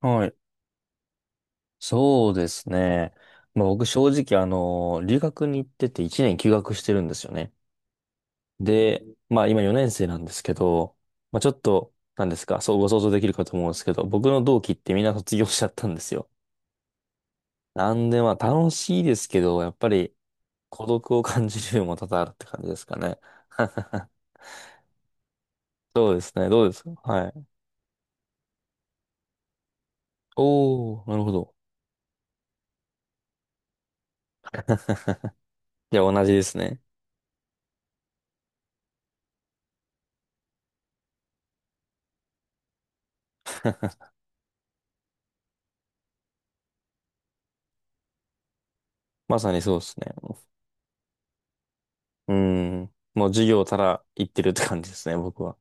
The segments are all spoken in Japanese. はい。そうですね。まあ、僕正直、留学に行ってて1年休学してるんですよね。で、まあ今4年生なんですけど、まあちょっと、なんですか、そうご想像できるかと思うんですけど、僕の同期ってみんな卒業しちゃったんですよ。なんでまあ楽しいですけど、やっぱり孤独を感じるのも多々あるって感じですかね。そうですね。どうですか、はい。おー、なるほど。いや、同じですね。まさにそうですね。うん。もう授業たら行ってるって感じですね、僕は。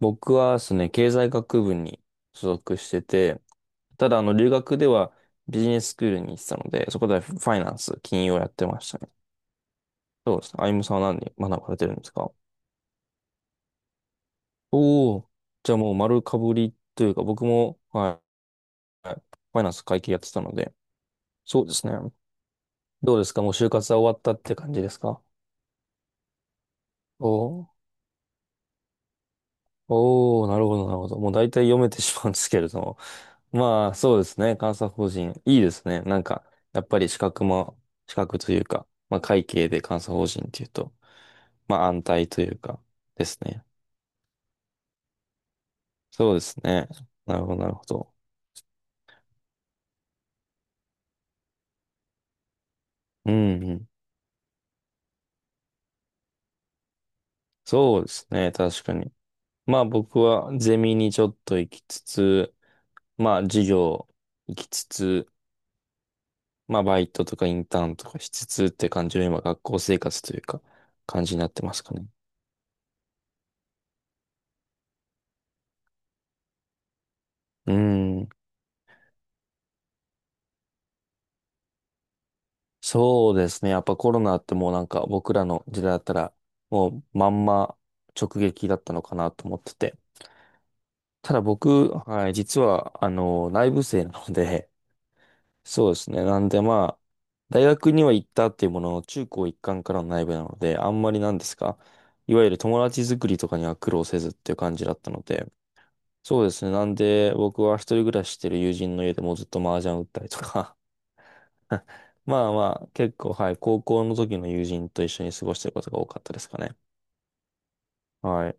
僕はですね、経済学部に所属してて、ただ留学ではビジネススクールに行ってたので、そこでファイナンス、金融をやってましたね。そうですね。あゆむさんは何に学ばれてるんですか？おおー、じゃあもう丸かぶりというか、僕も、はい、ファイナンス会計やってたので、そうですね。どうですか、もう就活は終わったって感じですか？おおー、おー、なるほど、なるほど。もう大体読めてしまうんですけれども。まあ、そうですね。監査法人。いいですね。やっぱり資格も、資格というか、まあ、会計で監査法人っていうと、まあ、安泰というか、ですね。そうですね。なるほど、なるほど。うんうん。そうですね。確かに。まあ、僕はゼミにちょっと行きつつ、まあ、授業行きつつ、まあ、バイトとかインターンとかしつつって感じの今、学校生活というか、感じになってますかね。うん。そうですね。やっぱコロナってもう僕らの時代だったらもうまんま直撃だったのかなと思ってて。ただ僕、はい、実は内部生なので、そうですね。なんでまあ、大学には行ったっていうものの中高一貫からの内部なので、あんまりなんですか、いわゆる友達作りとかには苦労せずっていう感じだったので、そうですね。なんで僕は一人暮らししてる友人の家でもうずっと麻雀打ったりとか、 あ、まあまあ、結構、はい、高校の時の友人と一緒に過ごしてることが多かったですかね。はい。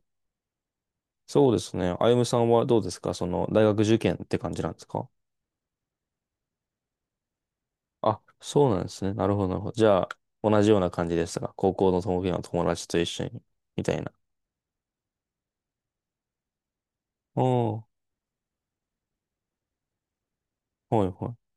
そうですね。あゆむさんはどうですか、その、大学受験って感じなんですか？あ、そうなんですね。なるほど、なるほど。じゃあ、同じような感じでしたが、高校の友達の友達と一緒に、みたいな。おー、はいはい。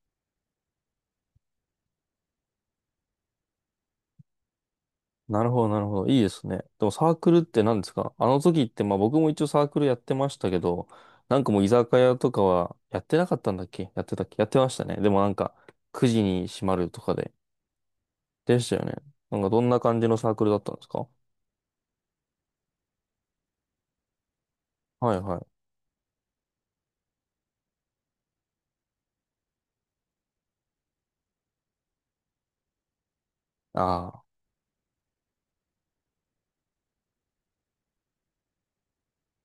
なるほど、なるほど。いいですね。でもサークルって何ですか、あの時って、まあ僕も一応サークルやってましたけど、もう居酒屋とかはやってなかったんだっけやってたっけ、やってましたね。でも9時に閉まるとかで。でしたよね。なんかどんな感じのサークルだったんですか？はいはい。あ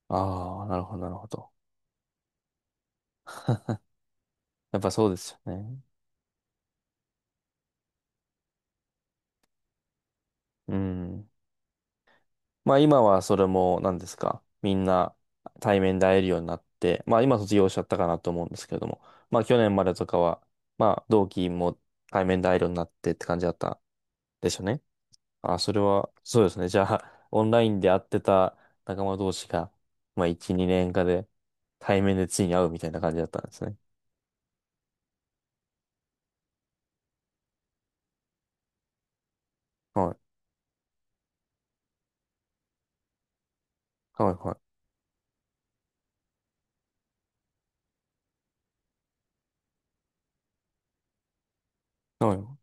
あ、ああ、なるほど、なるほど。やっぱそうですよね。うん。まあ今はそれも何ですか。みんな対面で会えるようになって、まあ今卒業しちゃったかなと思うんですけれども、まあ去年までとかは、まあ同期も対面で会えるようになってって感じだったでしょうね。ああ、それは、そうですね。じゃあ、オンラインで会ってた仲間同士が、まあ1、2年かで対面でついに会うみたいな感じだったんですね。はい。はいはい、そうよ、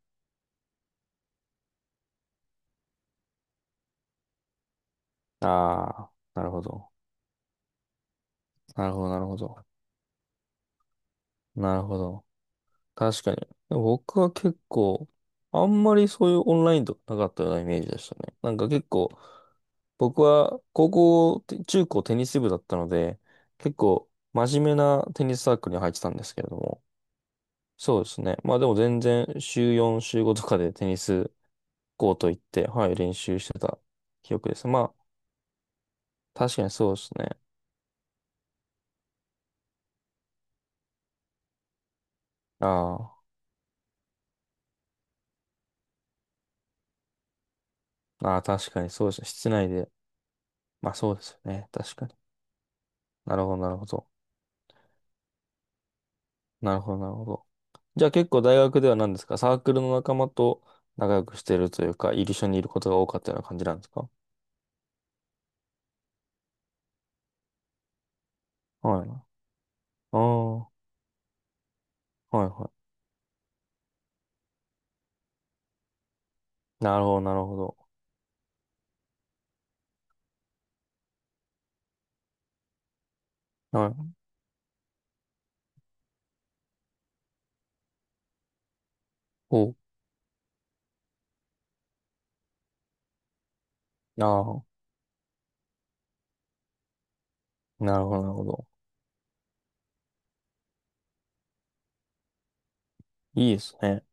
ああ、なるほど。なるほど、なるほど。なるほど。確かに。でも僕は結構、あんまりそういうオンラインとかなかったようなイメージでしたね。結構、僕は高校、て中高テニス部だったので、結構真面目なテニスサークルに入ってたんですけれども。そうですね。まあでも全然週4、週5とかでテニスコート行って、はい、練習してた記憶です。まあ、確かにそうですね。ああ、ああ、確かにそうですね。室内で。まあそうですよね。確かに。なるほど、なるほど。なるほど、なるほど。じゃあ結構大学では何ですか、サークルの仲間と仲良くしてるというか、一緒にいることが多かったような感じなんですか？はい。ああ、はいはい。なるほど、なるほど。はい。お、ああ、なるほど、なるほど。いいですね。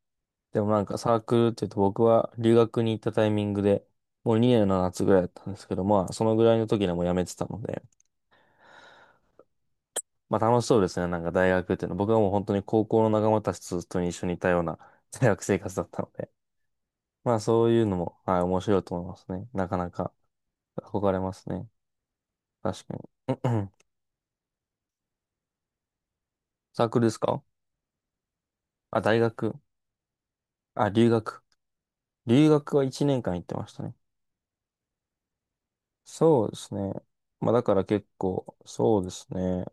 でもサークルって言うと僕は留学に行ったタイミングで、もう2年の夏ぐらいだったんですけど、まあそのぐらいの時でもう辞めてたので、まあ楽しそうですね。なんか大学っていうのは。僕はもう本当に高校の仲間たちと一緒にいたような、 大学生活だったので。まあそういうのも、はい、面白いと思いますね。なかなか憧れますね。確かに。うんうん、サークルですか？あ、大学。あ、留学。留学は1年間行ってましたね。そうですね。まあだから結構、そうですね。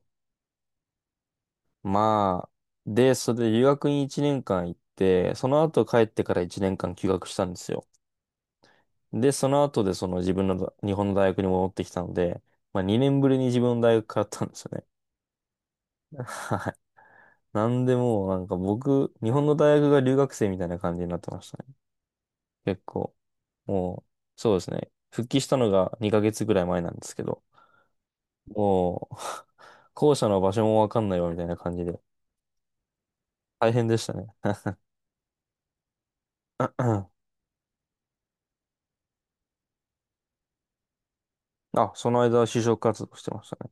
まあ、で、それで留学に1年間行って、その後帰ってから1年間休学したんですよ。で、その後でその自分の日本の大学に戻ってきたので、まあ2年ぶりに自分の大学通ったんですよね。はい。なんでもう僕、日本の大学が留学生みたいな感じになってましたね。結構。もう、そうですね。復帰したのが2ヶ月ぐらい前なんですけど、もう、校舎の場所もわかんないわみたいな感じで、大変でしたね。あ、その間は就職活動してましたね。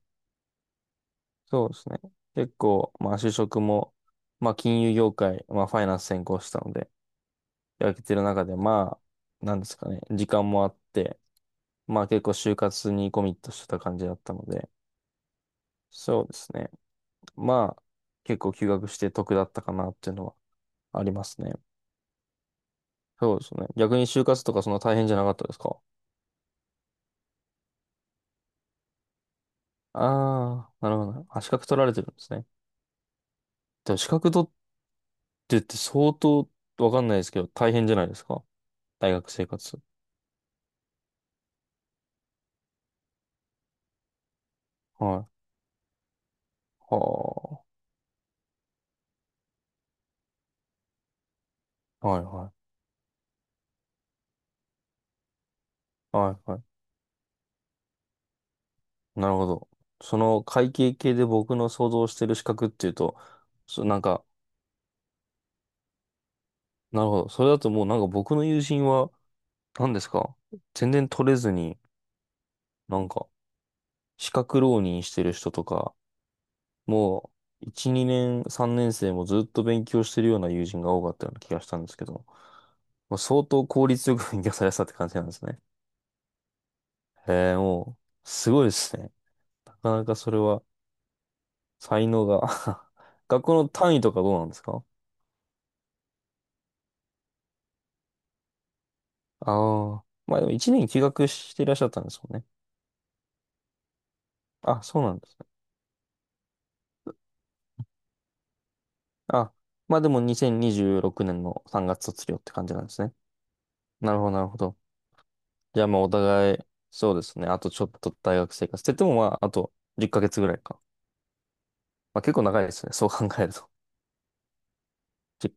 そうですね。結構、まあ就職も、まあ金融業界、まあファイナンス専攻したので、空けてる中で、まあ、なんですかね、時間もあって、まあ結構就活にコミットしてた感じだったので、そうですね。まあ、結構休学して得だったかなっていうのはありますね。そうですね。逆に就活とかそんな大変じゃなかったですか？ああー、なるほどね。あ、資格取られてるんですね。でも資格取ってって相当わかんないですけど、大変じゃないですか、大学生活。はい。はあ。はいはい。はいはい。なるほど。その会計系で僕の想像してる資格っていうと、そう、なんか、なるほど。それだともう僕の友人は、何ですか、全然取れずに、なんか、資格浪人してる人とか、もう、1、2年、3年生もずっと勉強してるような友人が多かったような気がしたんですけど、まあ、相当効率よく勉強されてたって感じなんですね。へえ、もう、すごいですね。なかなかそれは、才能が。 学校の単位とかどうなんですか？ああ。まあでも1年休学していらっしゃったんですもんね。あ、そうなんですね。あ、まあでも2026年の3月卒業って感じなんですね。なるほど、なるほど。じゃあまあお互い、そうですね。あとちょっと大学生活って言ってもまああと10ヶ月ぐらいか。まあ結構長いですね。そう考えると。